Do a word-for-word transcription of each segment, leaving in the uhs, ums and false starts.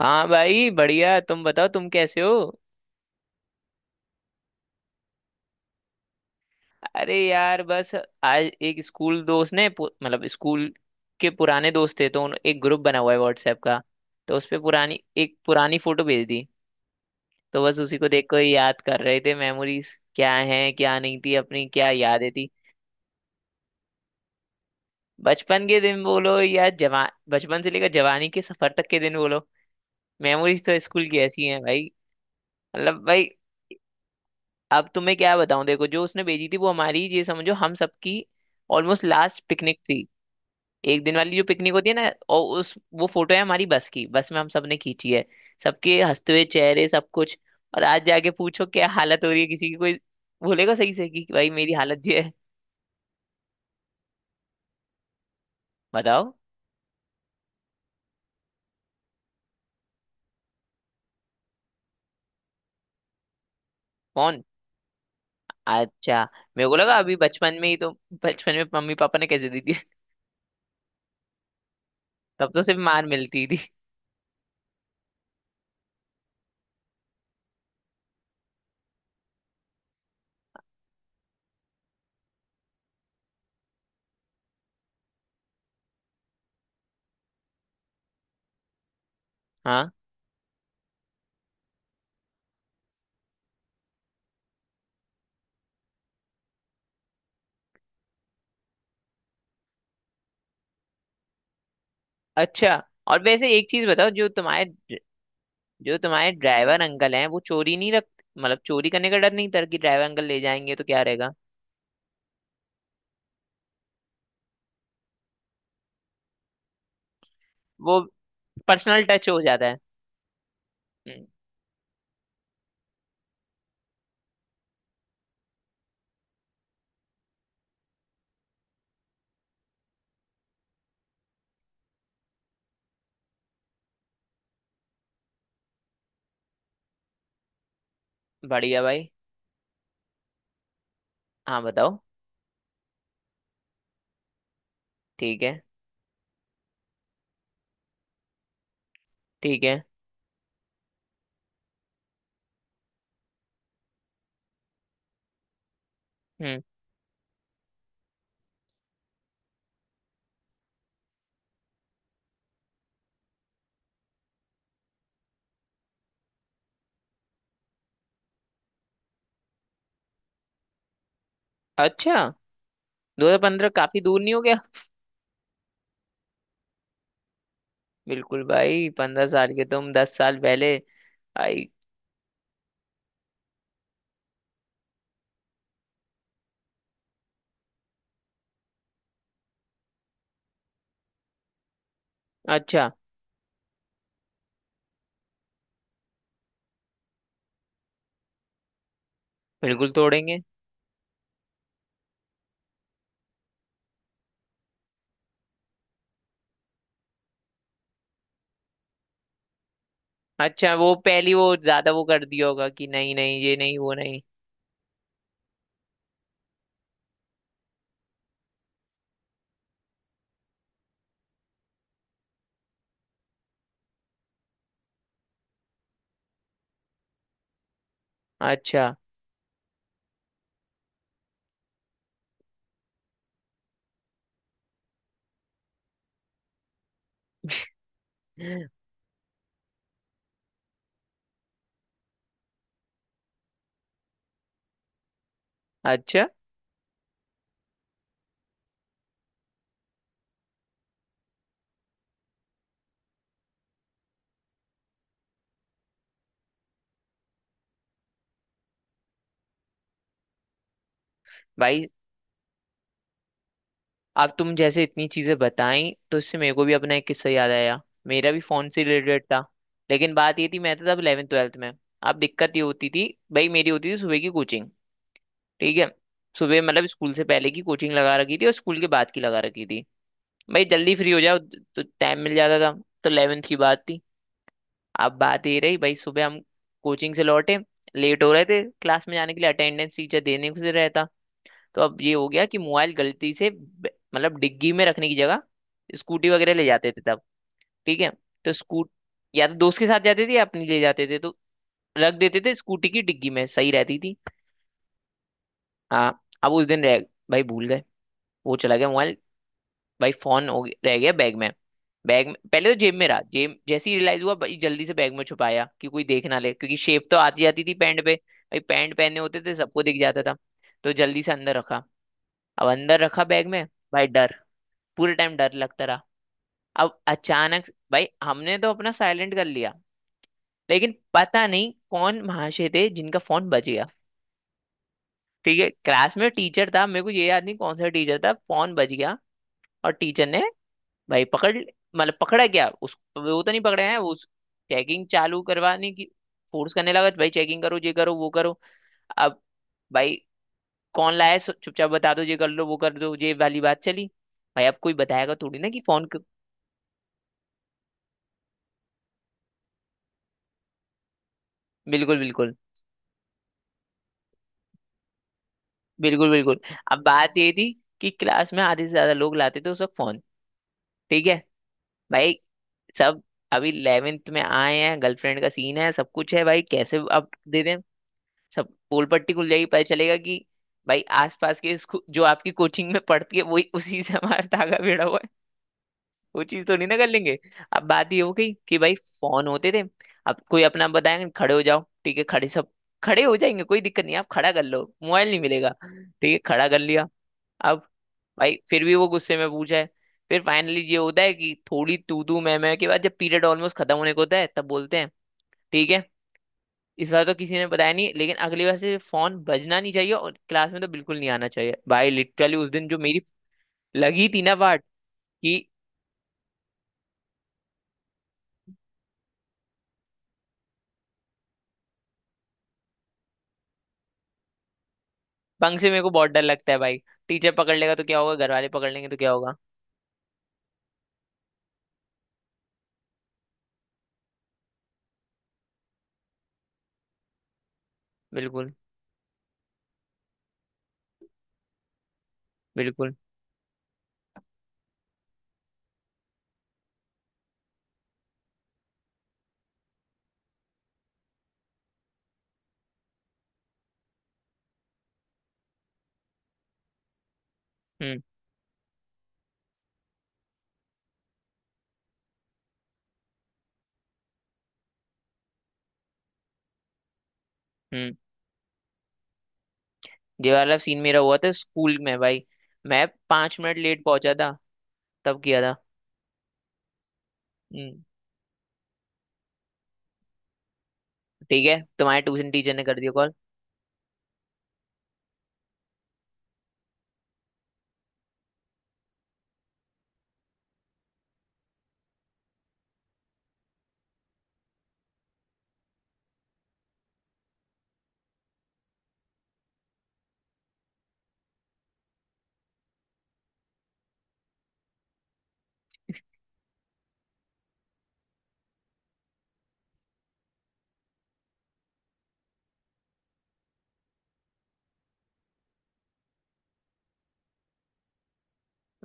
हाँ भाई, बढ़िया। तुम बताओ, तुम कैसे हो? अरे यार, बस। आज एक स्कूल दोस्त ने पु- मतलब स्कूल के पुराने दोस्त थे, तो उन, एक ग्रुप बना हुआ है व्हाट्सएप का। तो उस पे पुरानी एक पुरानी फोटो भेज दी। तो बस उसी को देख कर याद कर रहे थे, मेमोरीज क्या हैं, क्या नहीं थी, अपनी क्या यादें थी। बचपन के दिन बोलो या जवान बचपन से लेकर जवानी के सफर तक के दिन बोलो। मेमोरीज तो स्कूल की ऐसी हैं भाई, मतलब भाई। अब तुम्हें क्या बताऊं, देखो जो उसने भेजी थी, वो हमारी, ये समझो हम सबकी ऑलमोस्ट लास्ट पिकनिक थी। एक दिन वाली जो पिकनिक होती है ना, और उस वो फोटो है हमारी बस की, बस में हम सबने खींची है। सबके हंसते हुए चेहरे, सब कुछ। और आज जाके पूछो क्या हालत हो रही है, किसी की कोई बोलेगा सही से कि भाई मेरी हालत ये है। बताओ। कौन? अच्छा। मेरे को लगा अभी बचपन में ही तो, बचपन में मम्मी पापा ने कैसे दी थी तब तो सिर्फ मार मिलती थी। हाँ। अच्छा। और वैसे एक चीज बताओ, जो तुम्हारे जो तुम्हारे ड्राइवर अंकल हैं वो चोरी नहीं रख, मतलब चोरी करने का डर नहीं था कि ड्राइवर अंकल ले जाएंगे तो क्या रहेगा? वो पर्सनल टच हो जाता है। हम्म, बढ़िया भाई। हाँ बताओ। ठीक है। ठीक है। हम्म। अच्छा। दो हजार पंद्रह, काफी दूर नहीं हो गया? बिल्कुल भाई, पंद्रह साल के तुम, दस साल पहले आई। अच्छा। बिल्कुल तोड़ेंगे। अच्छा वो पहली वो ज्यादा वो कर दिया होगा कि नहीं नहीं ये नहीं वो नहीं। अच्छा अच्छा। भाई अब तुम जैसे इतनी चीजें बताई, तो इससे मेरे को भी अपना एक किस्सा याद आया। मेरा भी फोन से रिलेटेड था, लेकिन बात ये थी, मैं था तब इलेवंथ ट्वेल्थ में। अब दिक्कत ये होती थी भाई, मेरी होती थी सुबह की कोचिंग। ठीक है, सुबह मतलब स्कूल से पहले की कोचिंग लगा रखी थी और स्कूल के बाद की लगा रखी थी भाई। जल्दी फ्री हो जाओ तो टाइम मिल जाता था। तो इलेवंथ की बात थी। अब बात ये रही भाई, सुबह हम कोचिंग से लौटे, लेट हो रहे थे क्लास में जाने के लिए, अटेंडेंस टीचर देने से रहता। तो अब ये हो गया कि मोबाइल गलती से ब- मतलब डिग्गी में रखने की जगह, स्कूटी वगैरह ले जाते थे तब। ठीक है। तो स्कूट या तो दोस्त के साथ जाते थे या अपनी ले जाते थे, तो रख देते थे स्कूटी की डिग्गी में, सही रहती थी। हाँ। अब उस दिन रह भाई भूल गए, वो चला गया मोबाइल। भाई फोन हो गया- रह गया बैग में। बैग में, पहले तो जेब में रहा, जेब जैसे ही रियलाइज हुआ भाई, जल्दी से बैग में छुपाया कि कोई देख ना ले, क्योंकि शेप तो आती जाती थी पैंट पे, भाई पैंट पहने होते थे, सबको दिख जाता था। तो जल्दी से अंदर रखा। अब अंदर रखा बैग में भाई। डर पूरे टाइम डर लगता रहा। अब अचानक भाई, हमने तो अपना साइलेंट कर लिया, लेकिन पता नहीं कौन महाशय थे जिनका फोन बज गया। ठीक है, क्लास में टीचर था, मेरे को ये याद नहीं कौन सा टीचर था, फोन बज गया। और टीचर ने भाई पकड़ मतलब पकड़ा गया। उस वो तो नहीं पकड़े हैं वो, चेकिंग चालू करवाने की फोर्स करने लगा भाई। चेकिंग करो, ये करो, वो करो। अब भाई कौन लाया है, सो- चुपचाप बता दो, ये कर लो, वो कर दो, ये वाली बात चली। भाई अब कोई बताएगा थोड़ी ना कि फोन। बिल्कुल। बिल्कुल। बिल्कुल। बिल्कुल। अब बात ये थी कि क्लास में आधे से ज्यादा लोग लाते थे उस वक्त फोन। ठीक है भाई। सब अभी इलेवंथ में आए हैं, गर्लफ्रेंड का सीन है, सब कुछ है भाई, कैसे अब दे दें? सब पोल पट्टी खुल जाएगी, पता चलेगा कि भाई आसपास के स्कू- जो आपकी कोचिंग में पढ़ती है, वही, उसी से हमारा धागा भिड़ा हुआ है। वो चीज तो नहीं ना कर लेंगे। अब बात ये हो गई कि भाई फोन होते थे। अब कोई अपना बताएंगे खड़े हो जाओ, ठीक है खड़े सब, खड़े हो जाएंगे कोई दिक्कत नहीं, आप खड़ा कर लो, मोबाइल नहीं मिलेगा, ठीक है खड़ा कर लिया। अब भाई फिर भी वो गुस्से में पूछा है। फिर फाइनली ये होता है कि थोड़ी तू तू मैं मैं के बाद, जब पीरियड ऑलमोस्ट खत्म होने को होता है, तब बोलते हैं ठीक है, इस बार तो किसी ने बताया नहीं, लेकिन अगली बार से फोन बजना नहीं चाहिए और क्लास में तो बिल्कुल नहीं आना चाहिए। भाई लिटरली उस दिन जो मेरी लगी थी ना बाट, कि पंख से मेरे को बहुत डर लगता है भाई, टीचर पकड़ लेगा तो क्या होगा, घर वाले पकड़ लेंगे तो क्या होगा। बिल्कुल बिल्कुल। हम्म हम्म। ये वाला सीन मेरा हुआ था स्कूल में भाई। मैं पांच मिनट लेट पहुंचा था, तब किया था। हम्म। ठीक है, तुम्हारे ट्यूशन टीचर ने कर दिया कॉल।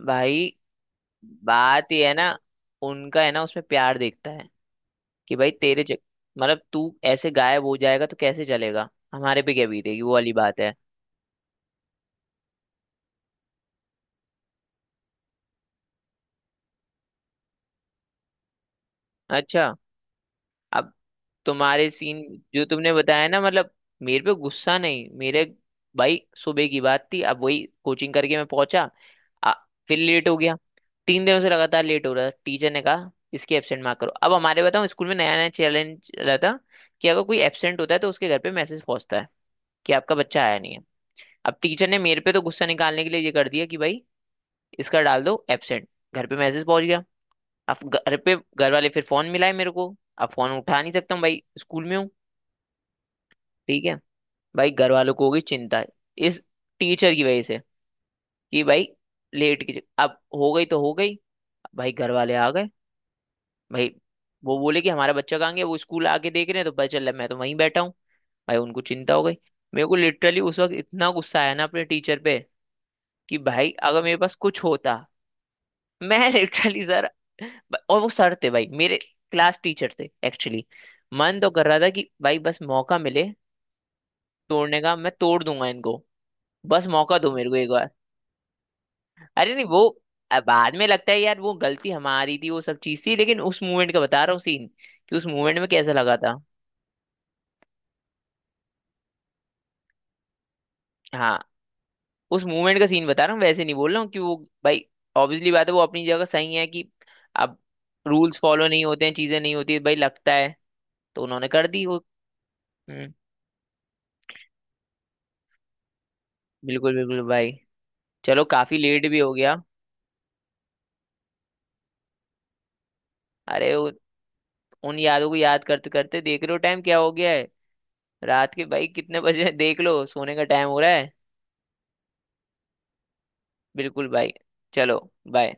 भाई बात ये है ना, उनका है ना उसमें प्यार देखता है कि भाई तेरे चक मतलब तू ऐसे गायब हो जाएगा तो कैसे चलेगा, हमारे पे क्या बीतेगी, वो वाली बात है। अच्छा। अब तुम्हारे सीन जो तुमने बताया ना, मतलब मेरे पे गुस्सा नहीं, मेरे भाई सुबह की बात थी। अब वही कोचिंग करके मैं पहुंचा, आ, फिर लेट हो गया। तीन दिनों से लगातार लेट हो रहा था, टीचर ने कहा इसके एब्सेंट मार्क करो। अब हमारे बताओ स्कूल में नया नया चैलेंज रहा था कि अगर कोई एब्सेंट होता है तो उसके घर पे मैसेज पहुंचता है कि आपका बच्चा आया नहीं है। अब टीचर ने मेरे पे तो गुस्सा निकालने के लिए ये कर दिया कि भाई इसका डाल दो एब्सेंट। घर पे मैसेज पहुंच गया। अब घर पे घर वाले फिर फोन मिलाए मेरे को। अब फोन उठा नहीं सकता हूँ भाई, स्कूल में हूँ। ठीक है। भाई घर वालों को होगी चिंता, इस टीचर की वजह से कि भाई लेट की अब हो गई तो हो गई। भाई घर वाले आ गए। भाई वो बोले कि हमारा बच्चा कहाँ गया, वो स्कूल आके देख रहे हैं तो पता चला मैं तो वहीं बैठा हूँ। भाई उनको चिंता हो गई। मेरे को लिटरली उस वक्त इतना गुस्सा आया ना अपने टीचर पे कि भाई अगर मेरे पास कुछ होता मैं लिटरली सर। और वो सर थे भाई मेरे, क्लास टीचर थे एक्चुअली। मन तो कर रहा था कि भाई बस मौका मिले तोड़ने का, मैं तोड़ दूंगा इनको, बस मौका दो मेरे को एक बार। अरे नहीं वो, अ, बाद में लगता है यार वो गलती हमारी थी, वो सब चीज थी, लेकिन उस मूवमेंट का बता रहा हूँ सीन, कि उस मूवमेंट में कैसा लगा था। हाँ उस मूवमेंट का सीन बता रहा हूँ, वैसे नहीं बोल रहा हूँ कि वो, भाई ऑब्वियसली बात है वो अपनी जगह सही है कि अब रूल्स फॉलो नहीं होते हैं, चीजें नहीं होती भाई, लगता है। तो उन्होंने कर दी वो। हम्म, बिल्कुल बिल्कुल भाई। चलो काफी लेट भी हो गया। अरे उ- उन यादों को याद करते करते देख लो टाइम क्या हो गया है, रात के भाई कितने बजे हैं, देख लो सोने का टाइम हो रहा है। बिल्कुल भाई। चलो। बाय।